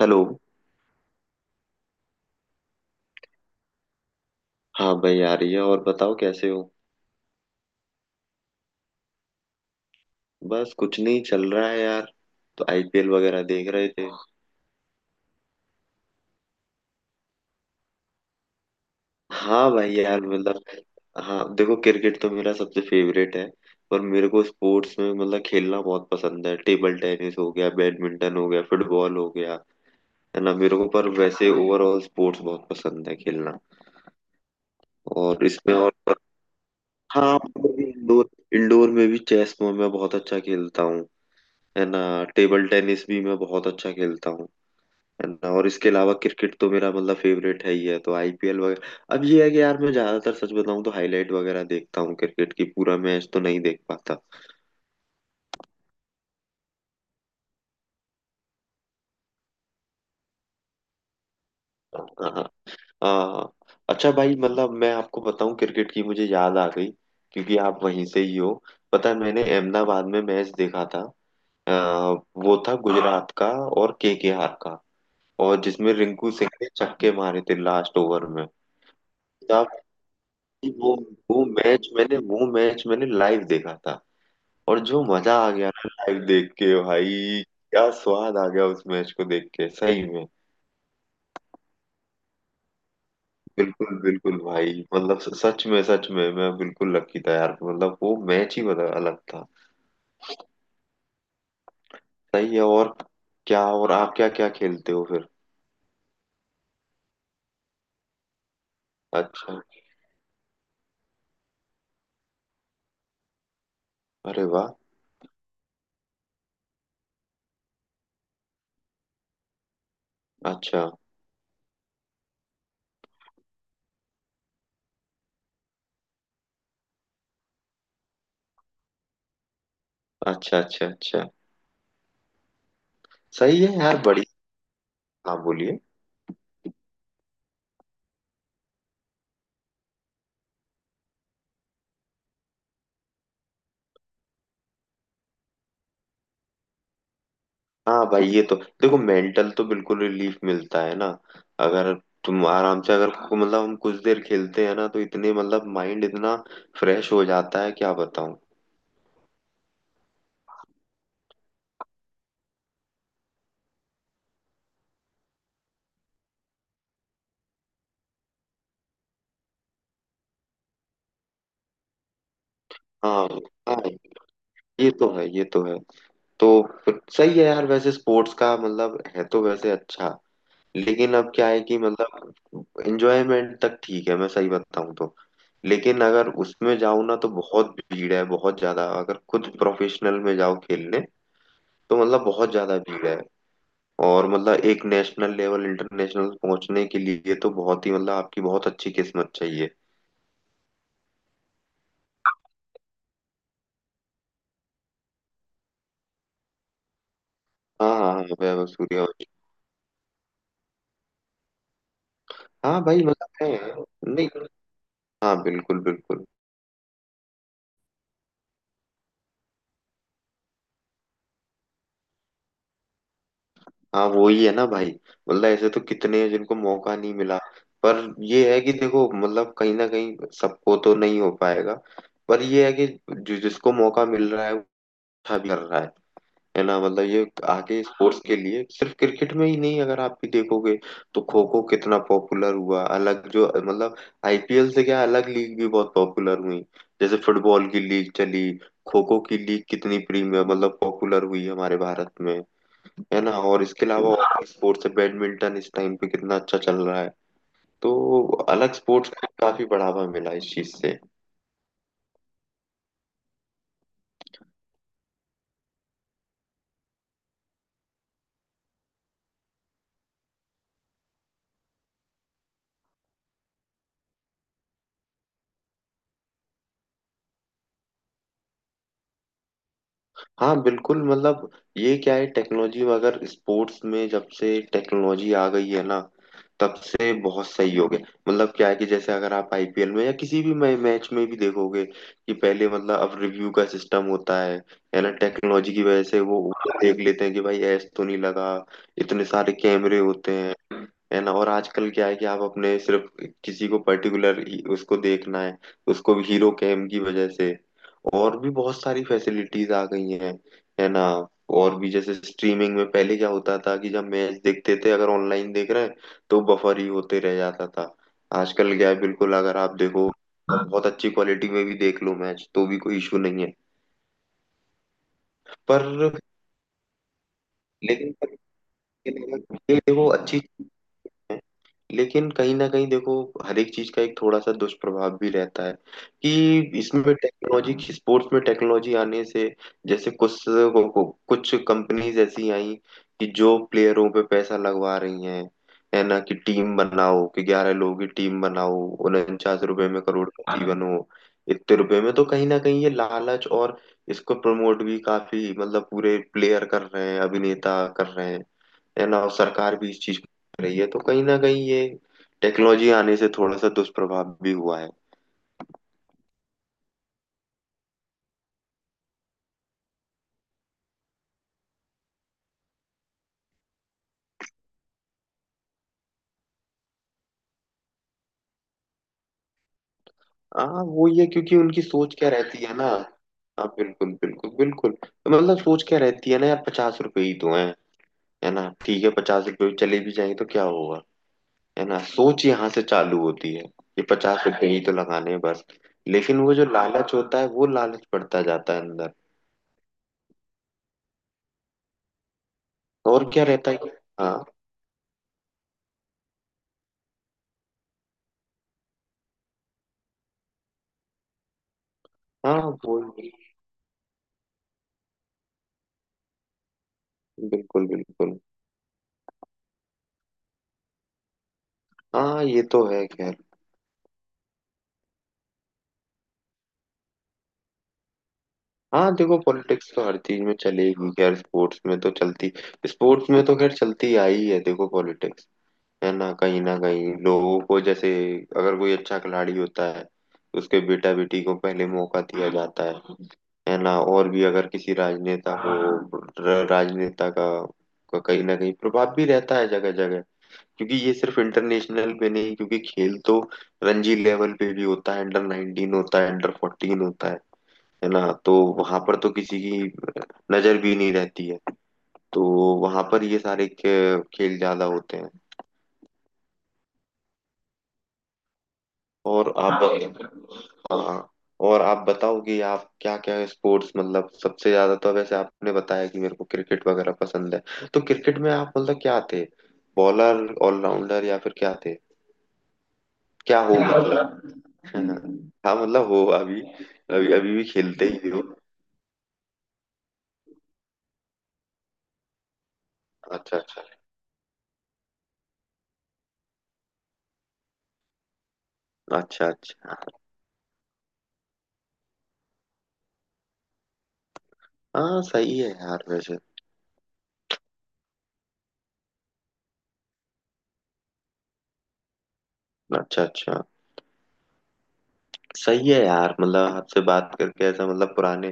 Hello. हाँ भाई आ रही है। और बताओ, कैसे हो? बस कुछ नहीं चल रहा है यार। तो आईपीएल वगैरह देख रहे थे। हाँ भाई यार, मतलब। हाँ देखो, क्रिकेट तो मेरा सबसे फेवरेट है। पर मेरे को स्पोर्ट्स में मतलब खेलना बहुत पसंद है। टेबल टेनिस हो गया, बैडमिंटन हो गया, फुटबॉल हो गया। है ना? मेरे को पर वैसे ओवरऑल स्पोर्ट्स बहुत पसंद है खेलना। और इसमें और। हाँ मतलब इंडोर। इंडोर में भी चेस में मैं बहुत अच्छा खेलता हूँ। है ना। टेबल टेनिस भी मैं बहुत अच्छा खेलता हूँ। है ना। और इसके अलावा क्रिकेट तो मेरा मतलब फेवरेट है ही है। तो आईपीएल वगैरह, अब ये है कि यार मैं ज्यादातर सच बताऊं तो हाईलाइट वगैरह देखता हूँ क्रिकेट की। पूरा मैच तो नहीं देख पाता। हाँ, हाँ। हाँ। हाँ। अच्छा भाई, मतलब मैं आपको बताऊं, क्रिकेट की मुझे याद आ गई क्योंकि आप वहीं से ही हो। पता है, मैंने अहमदाबाद में मैच देखा था। अ, वो था गुजरात का और केकेआर का। और जिसमें रिंकू सिंह ने छक्के मारे थे लास्ट ओवर में। आप वो वो मैच मैंने लाइव देखा था। और जो मजा आ गया ना, लाइव देख के भाई। क्या स्वाद आ गया उस मैच को देख के, सही में। बिल्कुल, बिल्कुल भाई, मतलब सच में, सच में मैं बिल्कुल लकी था यार। मतलब वो मैच ही बदल अलग था। सही है। और क्या, और आप क्या क्या खेलते हो फिर? अच्छा। अरे वाह। अच्छा, अच्छा, अच्छा। अच्छा। सही है यार, बढ़िया। हाँ, बोलिए। हाँ भाई, ये तो देखो मेंटल तो बिल्कुल रिलीफ मिलता है ना। अगर तुम आराम से अगर मतलब हम कुछ देर खेलते हैं ना तो इतने मतलब माइंड इतना फ्रेश हो जाता है, क्या बताऊं। हाँ, हाँ, ये तो है, ये तो है। तो फिर सही है यार, वैसे स्पोर्ट्स का मतलब है तो वैसे अच्छा। लेकिन अब क्या है कि मतलब एंजॉयमेंट तक ठीक है, मैं सही बताऊं तो। लेकिन अगर उसमें जाऊं ना तो बहुत भीड़ है, बहुत ज्यादा, अगर खुद प्रोफेशनल में जाओ खेलने। तो मतलब बहुत ज्यादा भीड़ है। और मतलब एक नेशनल लेवल इंटरनेशनल पहुंचने के लिए तो बहुत ही मतलब आपकी बहुत अच्छी किस्मत चाहिए। हाँ, हाँ, हाँ, वैभव सूर्यवंशी। हाँ भाई, मतलब है। नहीं। हाँ, बिल्कुल, बिल्कुल। हाँ, वो ही है ना भाई। मतलब ऐसे तो कितने हैं जिनको मौका नहीं मिला। पर ये है कि देखो, मतलब कहीं ना कहीं सबको तो नहीं हो पाएगा। पर ये है कि जिसको मौका मिल रहा है, वो अच्छा भी कर रहा है। है ना? मतलब ये आगे स्पोर्ट्स के लिए सिर्फ क्रिकेट में ही नहीं, अगर आप भी देखोगे। तो खो खो कितना पॉपुलर हुआ अलग, जो मतलब। आईपीएल से क्या अलग लीग भी बहुत पॉपुलर हुई। जैसे फुटबॉल की लीग चली। खो खो की लीग कितनी प्रीमियर मतलब पॉपुलर हुई हमारे भारत में। है ना? और इसके अलावा और स्पोर्ट्स है, बैडमिंटन इस टाइम पे कितना अच्छा चल रहा है। तो अलग स्पोर्ट्स को काफी बढ़ावा मिला इस चीज से। हाँ बिल्कुल, मतलब। ये क्या है टेक्नोलॉजी, अगर स्पोर्ट्स में जब से टेक्नोलॉजी आ गई है ना, तब से बहुत सही हो गया। मतलब क्या है कि जैसे अगर आप आईपीएल में या किसी भी मैच में भी देखोगे कि पहले मतलब अब रिव्यू का सिस्टम होता है। है ना, टेक्नोलॉजी की वजह से वो देख लेते हैं कि भाई ऐस तो नहीं लगा। इतने सारे कैमरे होते हैं। है ना? और आजकल क्या है कि आप अपने सिर्फ किसी को पर्टिकुलर उसको देखना है, उसको भी हीरो कैम की वजह से और भी बहुत सारी फैसिलिटीज आ गई हैं। है ना? और भी जैसे स्ट्रीमिंग में पहले क्या होता था कि जब मैच देखते थे, अगर ऑनलाइन देख रहे हैं, तो बफर ही होते रह जाता था। आजकल क्या है, बिल्कुल अगर आप देखो, बहुत अच्छी क्वालिटी में भी देख लो मैच, तो भी कोई इशू नहीं है। पर पर ये देखो, अच्छी चीज है। लेकिन कहीं ना कहीं देखो, हर एक चीज का एक थोड़ा सा दुष्प्रभाव भी रहता है कि इसमें टेक्नोलॉजी, स्पोर्ट्स में टेक्नोलॉजी आने से। जैसे कुछ कंपनीज ऐसी आई कि जो प्लेयरों पे पैसा लगवा रही हैं। है ना, कि टीम बनाओ, कि 11 लोगों की टीम बनाओ। 49 रुपए में करोड़पति बनो। इतने रुपए में तो कहीं ना कहीं ये लालच, और इसको प्रमोट भी काफी मतलब पूरे प्लेयर कर रहे हैं, अभिनेता कर रहे हैं। है ना। और सरकार भी इस चीज को देख रही है, तो कहीं ना कहीं ये टेक्नोलॉजी आने से थोड़ा सा दुष्प्रभाव भी हुआ है। हाँ वो ये, क्योंकि उनकी सोच क्या रहती है ना। हाँ, बिल्कुल, बिल्कुल, बिल्कुल। मतलब सोच क्या रहती है ना यार, 50 रुपए ही तो है। है ना? ठीक है, 50 रुपए भी चले भी जाएंगे तो क्या होगा। है ना? सोच यहाँ से चालू होती है। ये 50 रुपए ही तो लगाने हैं बस। लेकिन वो जो लालच होता है, वो लालच बढ़ता जाता है अंदर। और क्या रहता है हाँ, हाँ। वो, बिल्कुल, बिल्कुल। हाँ ये तो है खैर। हाँ देखो, पॉलिटिक्स तो हर चीज में चलेगी, खैर स्पोर्ट्स में तो चलती। स्पोर्ट्स में तो खैर चलती आई है देखो पॉलिटिक्स। है ना? कहीं ना कहीं लोगों को जैसे अगर कोई अच्छा खिलाड़ी होता है, तो उसके बेटा बेटी को पहले मौका दिया जाता है। है ना? और भी अगर किसी राजनेता को, राजनेता का कहीं ना कहीं प्रभाव भी रहता है जगह जगह। क्योंकि ये सिर्फ इंटरनेशनल पे नहीं, क्योंकि खेल तो रणजी लेवल पे भी होता है, अंडर 19 होता है, अंडर 14 होता है। है ना? तो वहां पर तो किसी की नजर भी नहीं रहती है। तो वहां पर ये सारे खेल ज्यादा होते हैं। और आप हाँ, ये तो है। हाँ। और आप बताओ कि आप क्या क्या स्पोर्ट्स मतलब सबसे ज्यादा, तो वैसे आपने बताया कि मेरे को क्रिकेट वगैरह पसंद है, तो क्रिकेट में आप मतलब क्या थे? बॉलर, ऑलराउंडर, या फिर क्या थे? क्या हो मतलब? हाँ मतलब हो, अभी अभी अभी भी खेलते ही हो? अच्छा, अच्छा, अच्छा, अच्छा। हाँ सही है यार वैसे। अच्छा, अच्छा। सही है यार, मतलब आपसे बात करके ऐसा मतलब पुराने।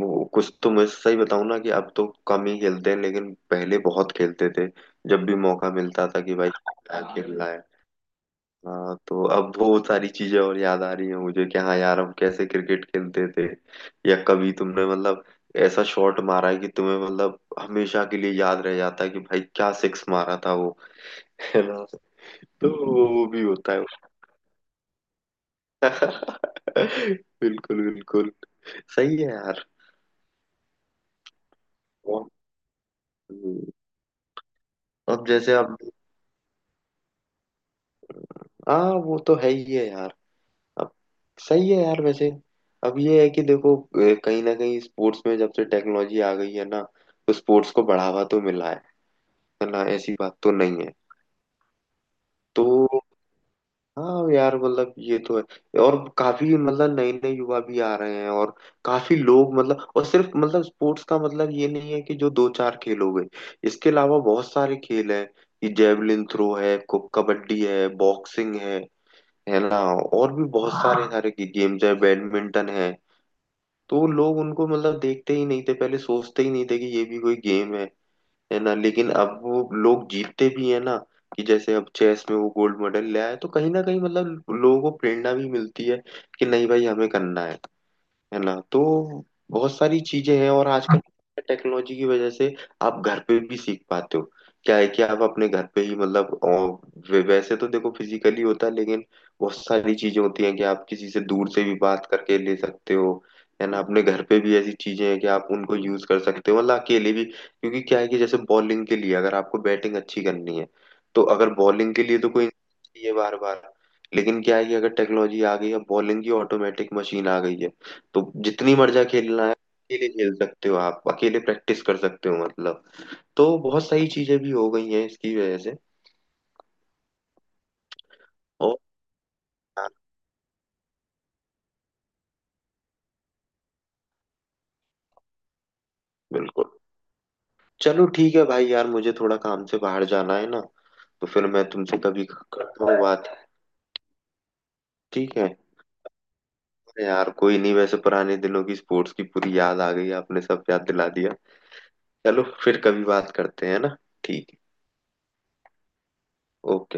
वो कुछ तो मैं सही बताऊं ना कि अब तो कम ही खेलते हैं, लेकिन पहले बहुत खेलते थे। जब भी मौका मिलता था कि भाई खेलना है, खेलना है। हाँ, तो अब वो सारी चीजें और याद आ रही है मुझे कि हाँ यार, हम कैसे क्रिकेट खेलते थे। या कभी तुमने मतलब ऐसा शॉट मारा है कि तुम्हें मतलब हमेशा के लिए याद रह जाता है कि भाई क्या सिक्स मारा था वो। है ना? तो वो भी होता है। बिल्कुल, बिल्कुल। सही है यार। वो- हम्म, अब जैसे अब हाँ, वो तो है ही है यार। अब सही है यार वैसे। अब ये है कि देखो, कहीं ना कहीं स्पोर्ट्स में जब से टेक्नोलॉजी आ गई है ना, तो स्पोर्ट्स को बढ़ावा तो मिला है। है ना, ऐसी बात तो नहीं है। तो हाँ यार मतलब ये तो है। और काफी मतलब नए नए युवा भी आ रहे हैं, और काफी लोग मतलब, और सिर्फ मतलब स्पोर्ट्स का मतलब ये नहीं है कि जो दो चार खेल हो गए। इसके अलावा बहुत सारे खेल हैं कि जेवलिन थ्रो है, कबड्डी है, बॉक्सिंग है। है ना? और भी बहुत सारे सारे की गेम्स है, बैडमिंटन है। तो लोग उनको मतलब देखते ही नहीं थे पहले, सोचते ही नहीं थे कि ये भी कोई गेम है। है ना? लेकिन अब वो लोग जीतते भी है ना, कि जैसे अब चेस में वो गोल्ड मेडल ले आए, तो कहीं ना कहीं मतलब लोगों को प्रेरणा भी मिलती है कि नहीं भाई, हमें करना है। है ना? तो बहुत सारी चीजें हैं, और आजकल टेक्नोलॉजी की वजह से आप घर पे भी सीख पाते हो। क्या है कि आप अपने घर पे ही मतलब वैसे तो देखो फिजिकली होता है, लेकिन बहुत सारी चीजें होती हैं कि आप किसी से दूर से भी बात करके ले सकते हो। है ना? अपने घर पे भी ऐसी चीजें हैं कि आप उनको यूज कर सकते हो मतलब अकेले भी, क्योंकि क्या है कि जैसे बॉलिंग के लिए अगर आपको बैटिंग अच्छी करनी है, तो अगर बॉलिंग के लिए तो कोई चाहिए बार बार। लेकिन क्या है कि अगर टेक्नोलॉजी आ गई है, बॉलिंग की ऑटोमेटिक मशीन आ गई है, तो जितनी मर्जा खेलना है अकेले खेल सकते हो, आप अकेले प्रैक्टिस कर सकते हो मतलब। तो बहुत सारी चीजें भी हो गई हैं इसकी वजह से। और हाँ, बिल्कुल। चलो ठीक है भाई यार, मुझे थोड़ा काम से बाहर जाना है ना, तो फिर मैं तुमसे कभी करता हूँ बात। ठीक है। अरे यार कोई नहीं, वैसे पुराने दिनों की स्पोर्ट्स की पूरी याद आ गई, आपने सब याद दिला दिया। चलो फिर कभी बात करते हैं ना। ठीक है। ओके।